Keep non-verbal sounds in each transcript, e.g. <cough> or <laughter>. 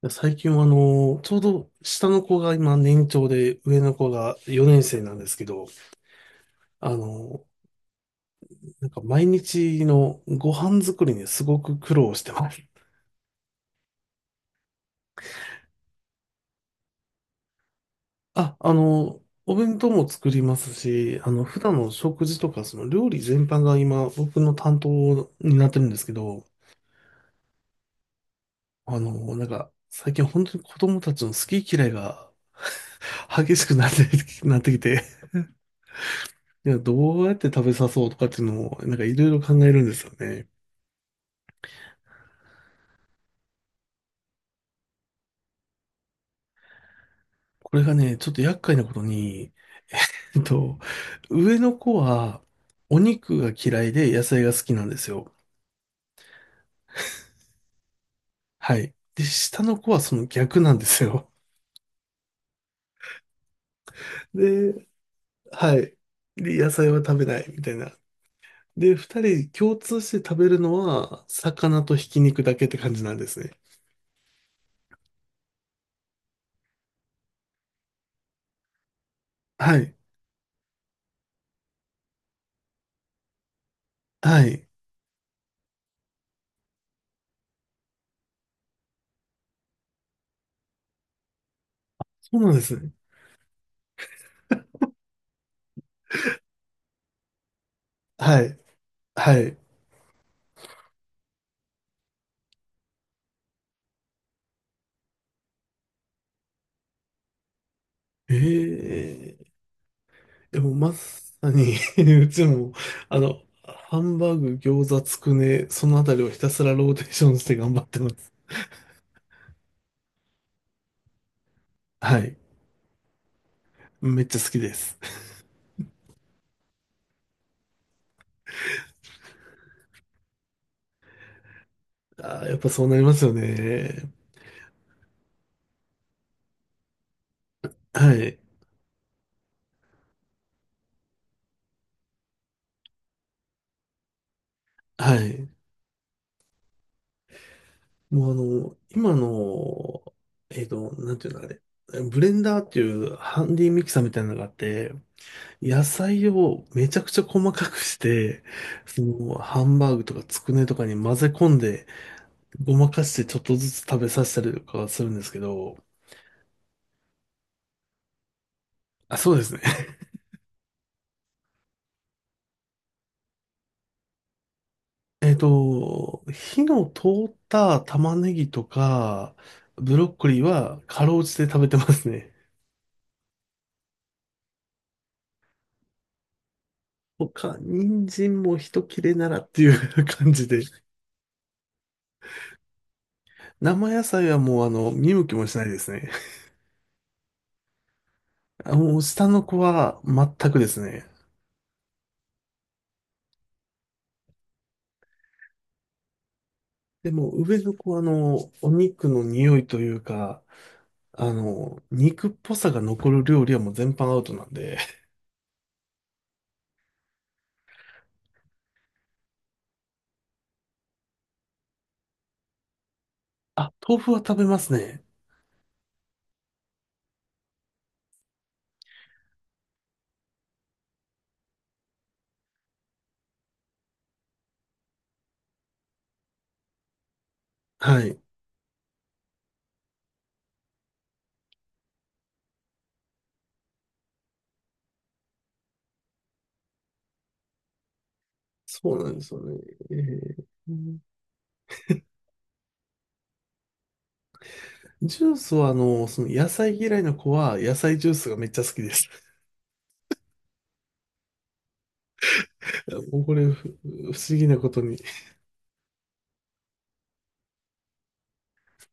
最近はちょうど下の子が今年長で上の子が4年生なんですけど、あの、毎日のご飯作りにすごく苦労してます。あ、あの、お弁当も作りますし、普段の食事とかその料理全般が今僕の担当になってるんですけど、最近本当に子供たちの好き嫌いが激しくなって、なってきて、どうやって食べさそうとかっていうのをいろいろ考えるんですよね。これがね、ちょっと厄介なことに、えっと、上の子はお肉が嫌いで野菜が好きなんですよ。はい。で、下の子はその逆なんですよ。で、はい。で、野菜は食べないみたいな。で、二人共通して食べるのは魚とひき肉だけって感じなんですね。はい。はい。そうなんですね。はい。はい。ええ。でもまさに <laughs> うちも、ハンバーグ、餃子、つくね、そのあたりをひたすらローテーションして頑張ってます。はい。めっちゃ好きです。あー、やっぱそうなりますよね。はい。はい。もうあの、今の、えっと、なんていうのあれ。ブレンダーっていうハンディミキサーみたいなのがあって、野菜をめちゃくちゃ細かくして、そのハンバーグとかつくねとかに混ぜ込んで、ごまかしてちょっとずつ食べさせたりとかはするんですけど、あ、そうですね。<laughs> 火の通った玉ねぎとか、ブロッコリーはかろうじて食べてますね。他、人参も一切れならっていう <laughs> 感じで。生野菜はもう見向きもしないですね。あ、もう下の子は全くですね。でも上の子はお肉の匂いというか、肉っぽさが残る料理はもう全般アウトなんで。あ、豆腐は食べますね。はい。そうなんですよね。えーうんジュースは、その野菜嫌いの子は野菜ジュースがめっちゃ好きです。<laughs> いやもうこれ、不思議なことに。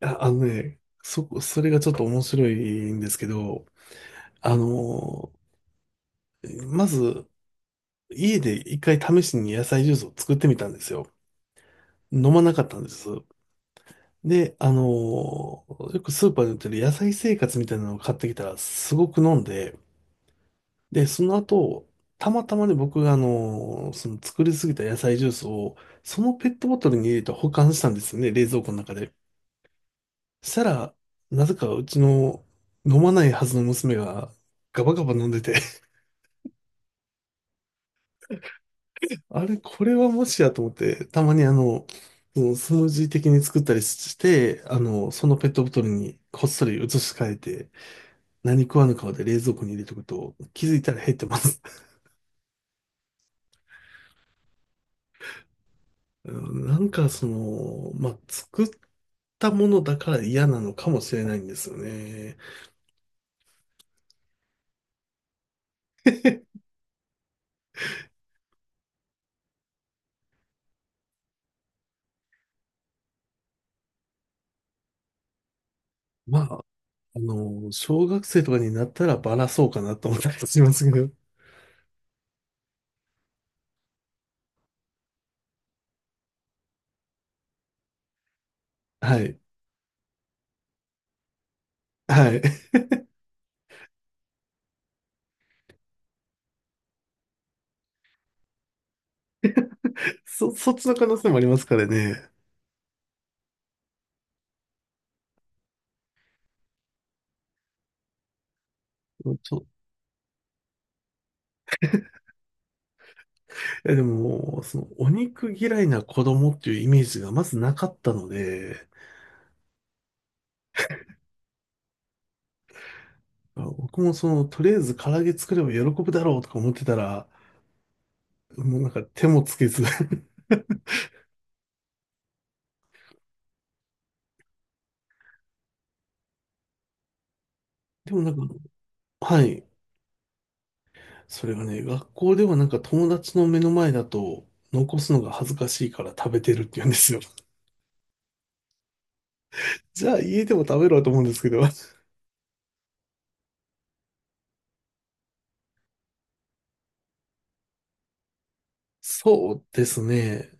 それがちょっと面白いんですけど、あの、まず、家で一回試しに野菜ジュースを作ってみたんですよ。飲まなかったんです。で、よくスーパーで売ってる野菜生活みたいなのを買ってきたら、すごく飲んで、で、その後、たまたまね、僕がその作りすぎた野菜ジュースを、そのペットボトルに入れて保管したんですよね、冷蔵庫の中で。したら、なぜかうちの飲まないはずの娘がガバガバ飲んでて。 <laughs> あれ、これはもしやと思って、たまにそのスムージー的に作ったりして、そのペットボトルにこっそり移し替えて、何食わぬ顔で冷蔵庫に入れとくと、気づいたら減ってます。うんなんかその、まあ、作ったものだから嫌なのかもしれないんですよね。<laughs> まあ、小学生とかになったらバラそうかなと思ったりしますけど。<laughs> はい。はい。<laughs> そっちの可能性もありますからね。ちょ、いやでも、その、お肉嫌いな子供っていうイメージがまずなかったので、僕もその、とりあえず唐揚げ作れば喜ぶだろうとか思ってたら、もうなんか手もつけず。<laughs> でもなんか、はい。それがね、学校では友達の目の前だと残すのが恥ずかしいから食べてるって言うんですよ。<laughs> じゃあ家でも食べろと思うんですけど。<laughs> そうですね。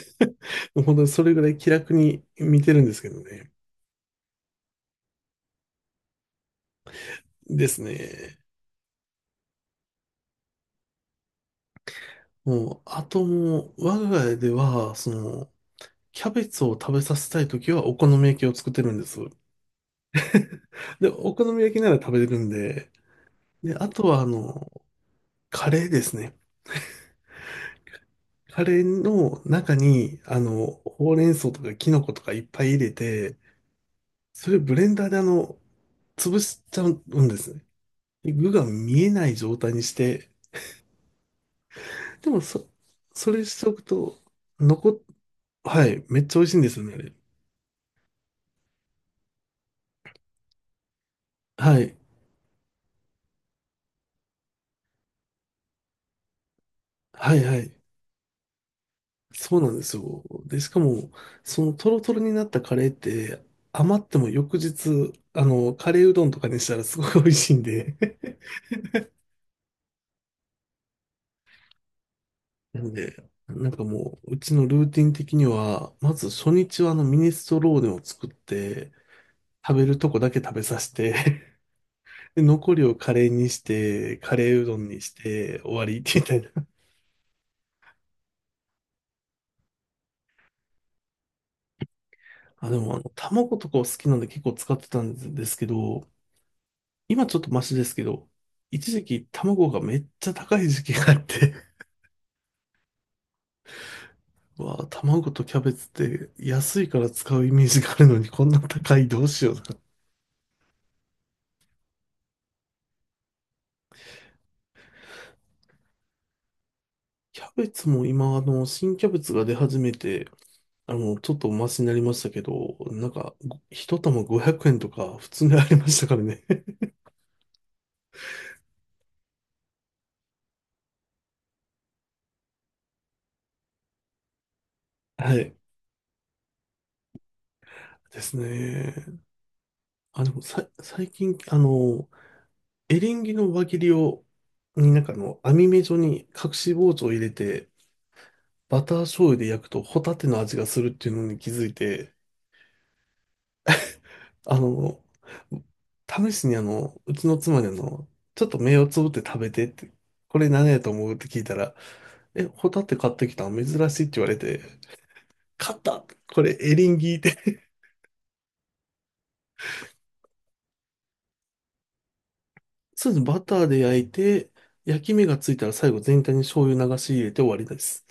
<laughs> もう本当にそれぐらい気楽に見てるんですけどね。ですね。もう、あともう、我が家では、その、キャベツを食べさせたいときはお好み焼きを作ってるんです。で、お好み焼きなら食べれるんで、で、あとはカレーですね。カレーの中に、ほうれん草とかキノコとかいっぱい入れて、それをブレンダーで潰しちゃうんですね。で具が見えない状態にして、でもそ、それしておくと、残っ、はい、めっちゃ美味しいんですよね、あれ。はい、はい、はい。そうなんですよ。で、しかも、そのトロトロになったカレーって、余っても翌日、カレーうどんとかにしたらすごい美味しいんで。<laughs> なんで、なんかもう、うちのルーティン的には、まず初日はあのミネストローネを作って、食べるとこだけ食べさせて。 <laughs> で、残りをカレーにして、カレーうどんにして、終わりみたいな。<laughs> あ、でも卵とかを好きなんで結構使ってたんですけど、今ちょっとマシですけど、一時期卵がめっちゃ高い時期があって。 <laughs> うわあ、卵とキャベツって安いから使うイメージがあるのにこんな高いどうしよう。キャベツも今新キャベツが出始めて、ちょっとお待ちになりましたけど、なんか、ご一玉500円とか普通にありましたからね。<laughs> はい。ですね。あ、でもさ、最近、エリンギの輪切りを、なんか網目状に隠し包丁を入れて、バター醤油で焼くとホタテの味がするっていうのに気づいて、あの、試しにうちの妻にちょっと目をつぶって食べてって、これ何やと思うって聞いたら、え、ホタテ買ってきたの珍しいって言われて、勝った。これ、エリンギで。そうですね、バターで焼いて、焼き目がついたら最後全体に醤油流し入れて終わりです。